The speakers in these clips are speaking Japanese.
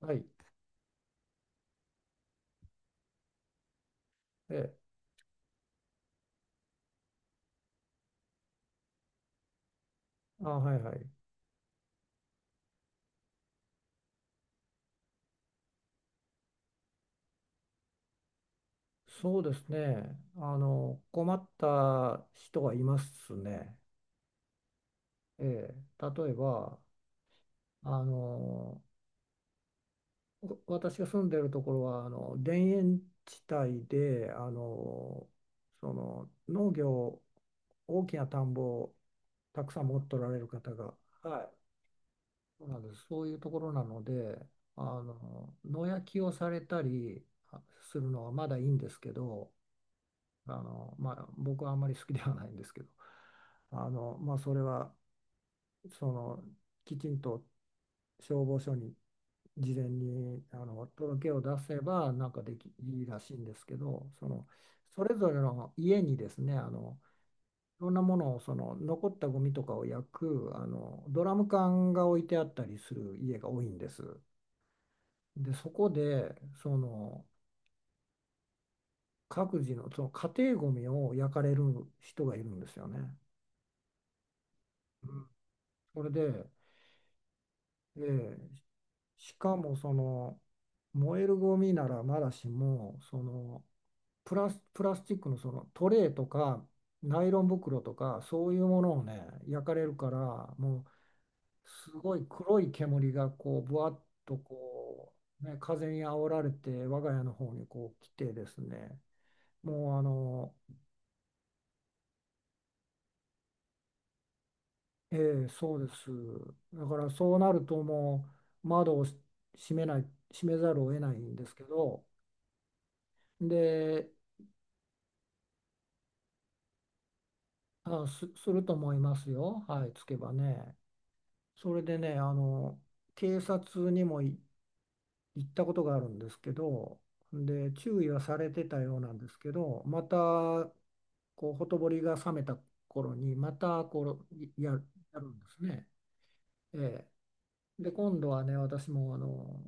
はい。え、あ、はいはい。そうですね。困った人がいますね。ええ、例えば、あの、私が住んでるところは、田園地帯で、農業、大きな田んぼをたくさん持っておられる方が、はい、そうなんです。そういうところなので、野焼きをされたりあするのはまだいいんですけど、まあ、僕はあんまり好きではないんですけど、まあ、それはそのきちんと消防署に事前に届けを出せばなんかできいいらしいんですけど、それぞれの家にですね、いろんなものを残ったゴミとかを焼くドラム缶が置いてあったりする家が多いんです。で、そこでその各自の、その家庭ゴミを焼かれる人がいるんですよね。うん、それで、ええ、しかも燃えるゴミならまだしもプラスチックのそのトレーとかナイロン袋とかそういうものをね焼かれるから、もうすごい黒い煙がこうぶわっと風に煽られて我が家の方にこう来てですね、もうあのええ、そうです。だからそうなるともう窓を閉めざるを得ないんですけど、で、すると思いますよ。はい、つけばね。それでね、あの、警察にも行ったことがあるんですけど、で、注意はされてたようなんですけど、また、こう、ほとぼりが冷めた頃に、また、やるんですね。ええ。で、今度はね、私も、あの、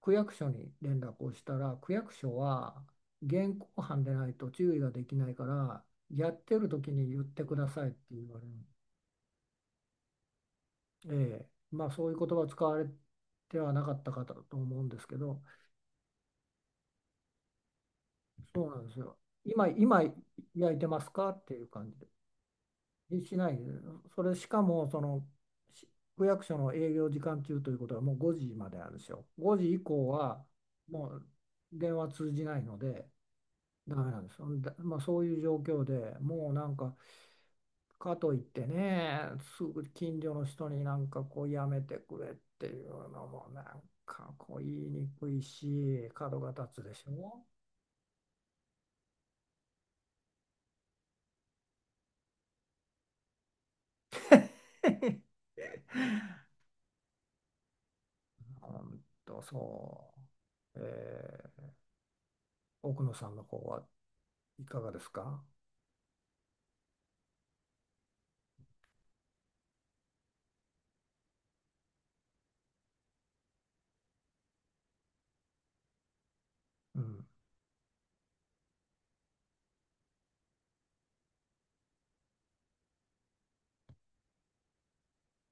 区役所に連絡をしたら、区役所は、現行犯でないと注意ができないから、やってる時に言ってくださいって言われる。ええ、まあそういう言葉を使われてはなかったかと思うんですけど、そうなんですよ。今焼いてますかっていう感じで。しないで、それしかもそのし区役所の営業時間中ということはもう5時までなんですよ。5時以降はもう電話通じないのでダメなんです。まあ、そういう状況でもうかといってね、すぐ近所の人になんかこうやめてくれっていうのもなんかこう言いにくいし、角が立つでしょ。ほんとそう。えー奥野さんの方はいかがですか？うん、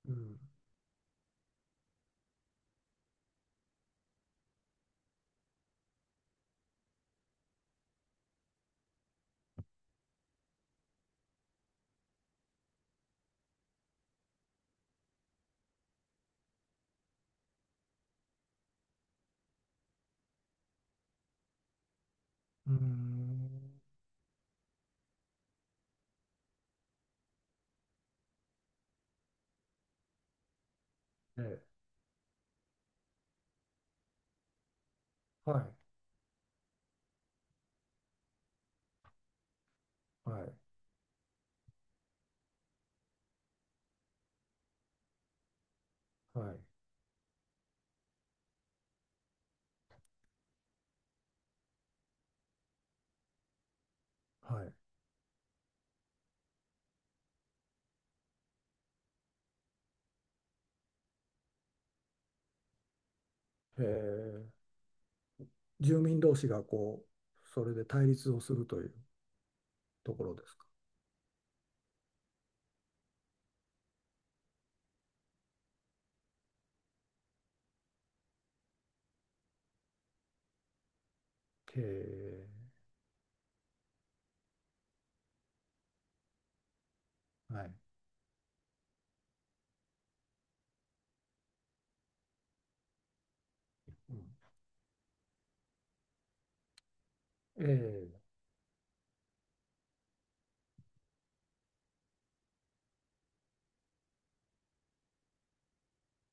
うん、うーん、ええ、はい、はい、はい、はい。えー住民同士がこう、それで対立をするというところですか。へえ、はい。うん、え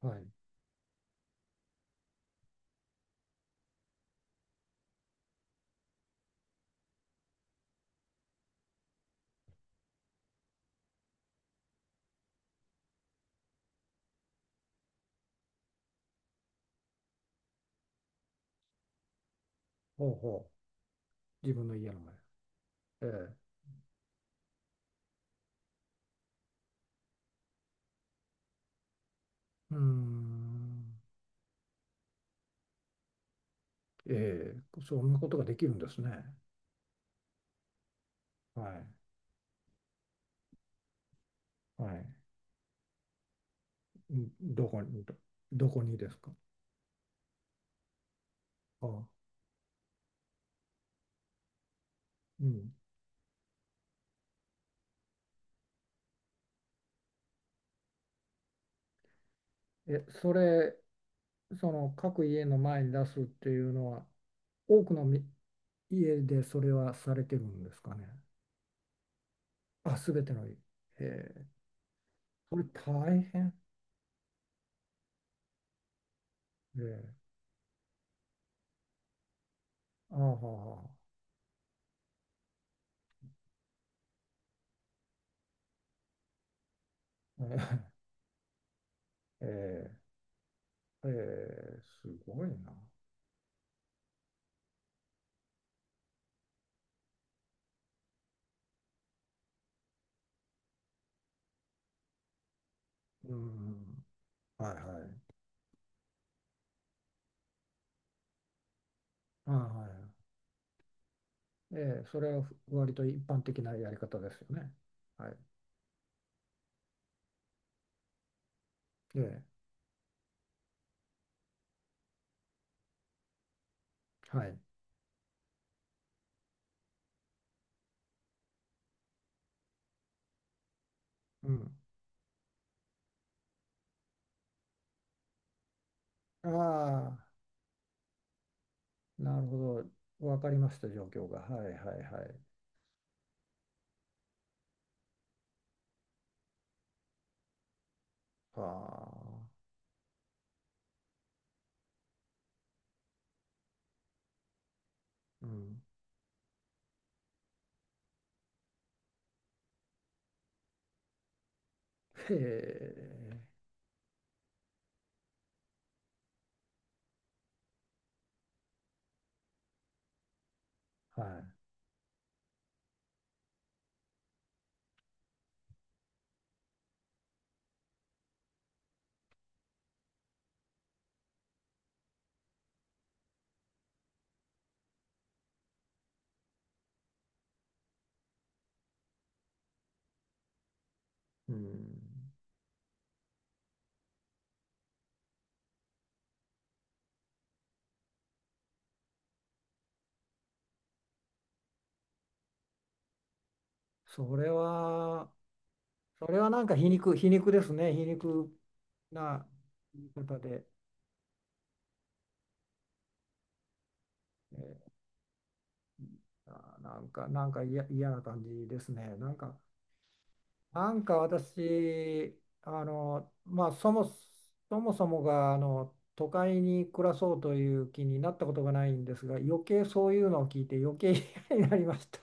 え、はい。ほうほう。自分の家の前。ええ。うーん。ええ、そんなことができるんですね。はい。はい。んどこに、どどこにですか。ああ、うん。え、それ、その各家の前に出すっていうのは、多くの家でそれはされてるんですかね。あ、すべての家。ええ、それ大変。ええ、ああ、はあはあええ、ええすごいな。うん。はいはい。あはいはい。ええ、それは割と一般的なやり方ですよね。はい。ええ、はい。うん。ああ、なるほど。わかりました、状況が。はいはいはい。はあ。うん。へえ。はい。うん。それは、それはなんか皮肉ですね。皮肉な言い方で。えーあーなんか、嫌な感じですね。なんか私、あの、まあ、そもそもがあの都会に暮らそうという気になったことがないんですが、そういうのを聞いて余計嫌になりました。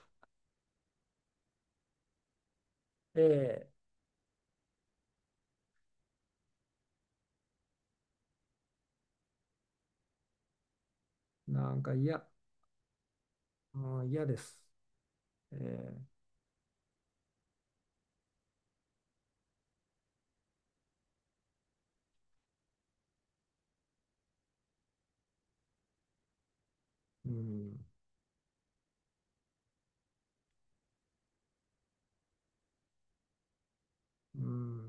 ええ、なんか嫌、うん、嫌です。ええ、うん、うん、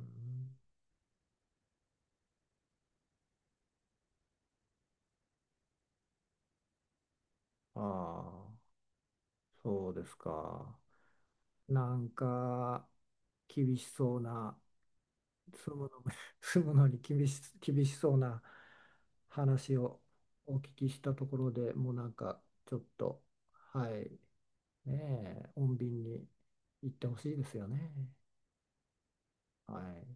ああ、そうですか。なんか厳しそうな住むの、住むのに厳しそうな話をお聞きしたところでもうなんかちょっと、はい、ねえ、穏便に行ってほしいですよね。はい。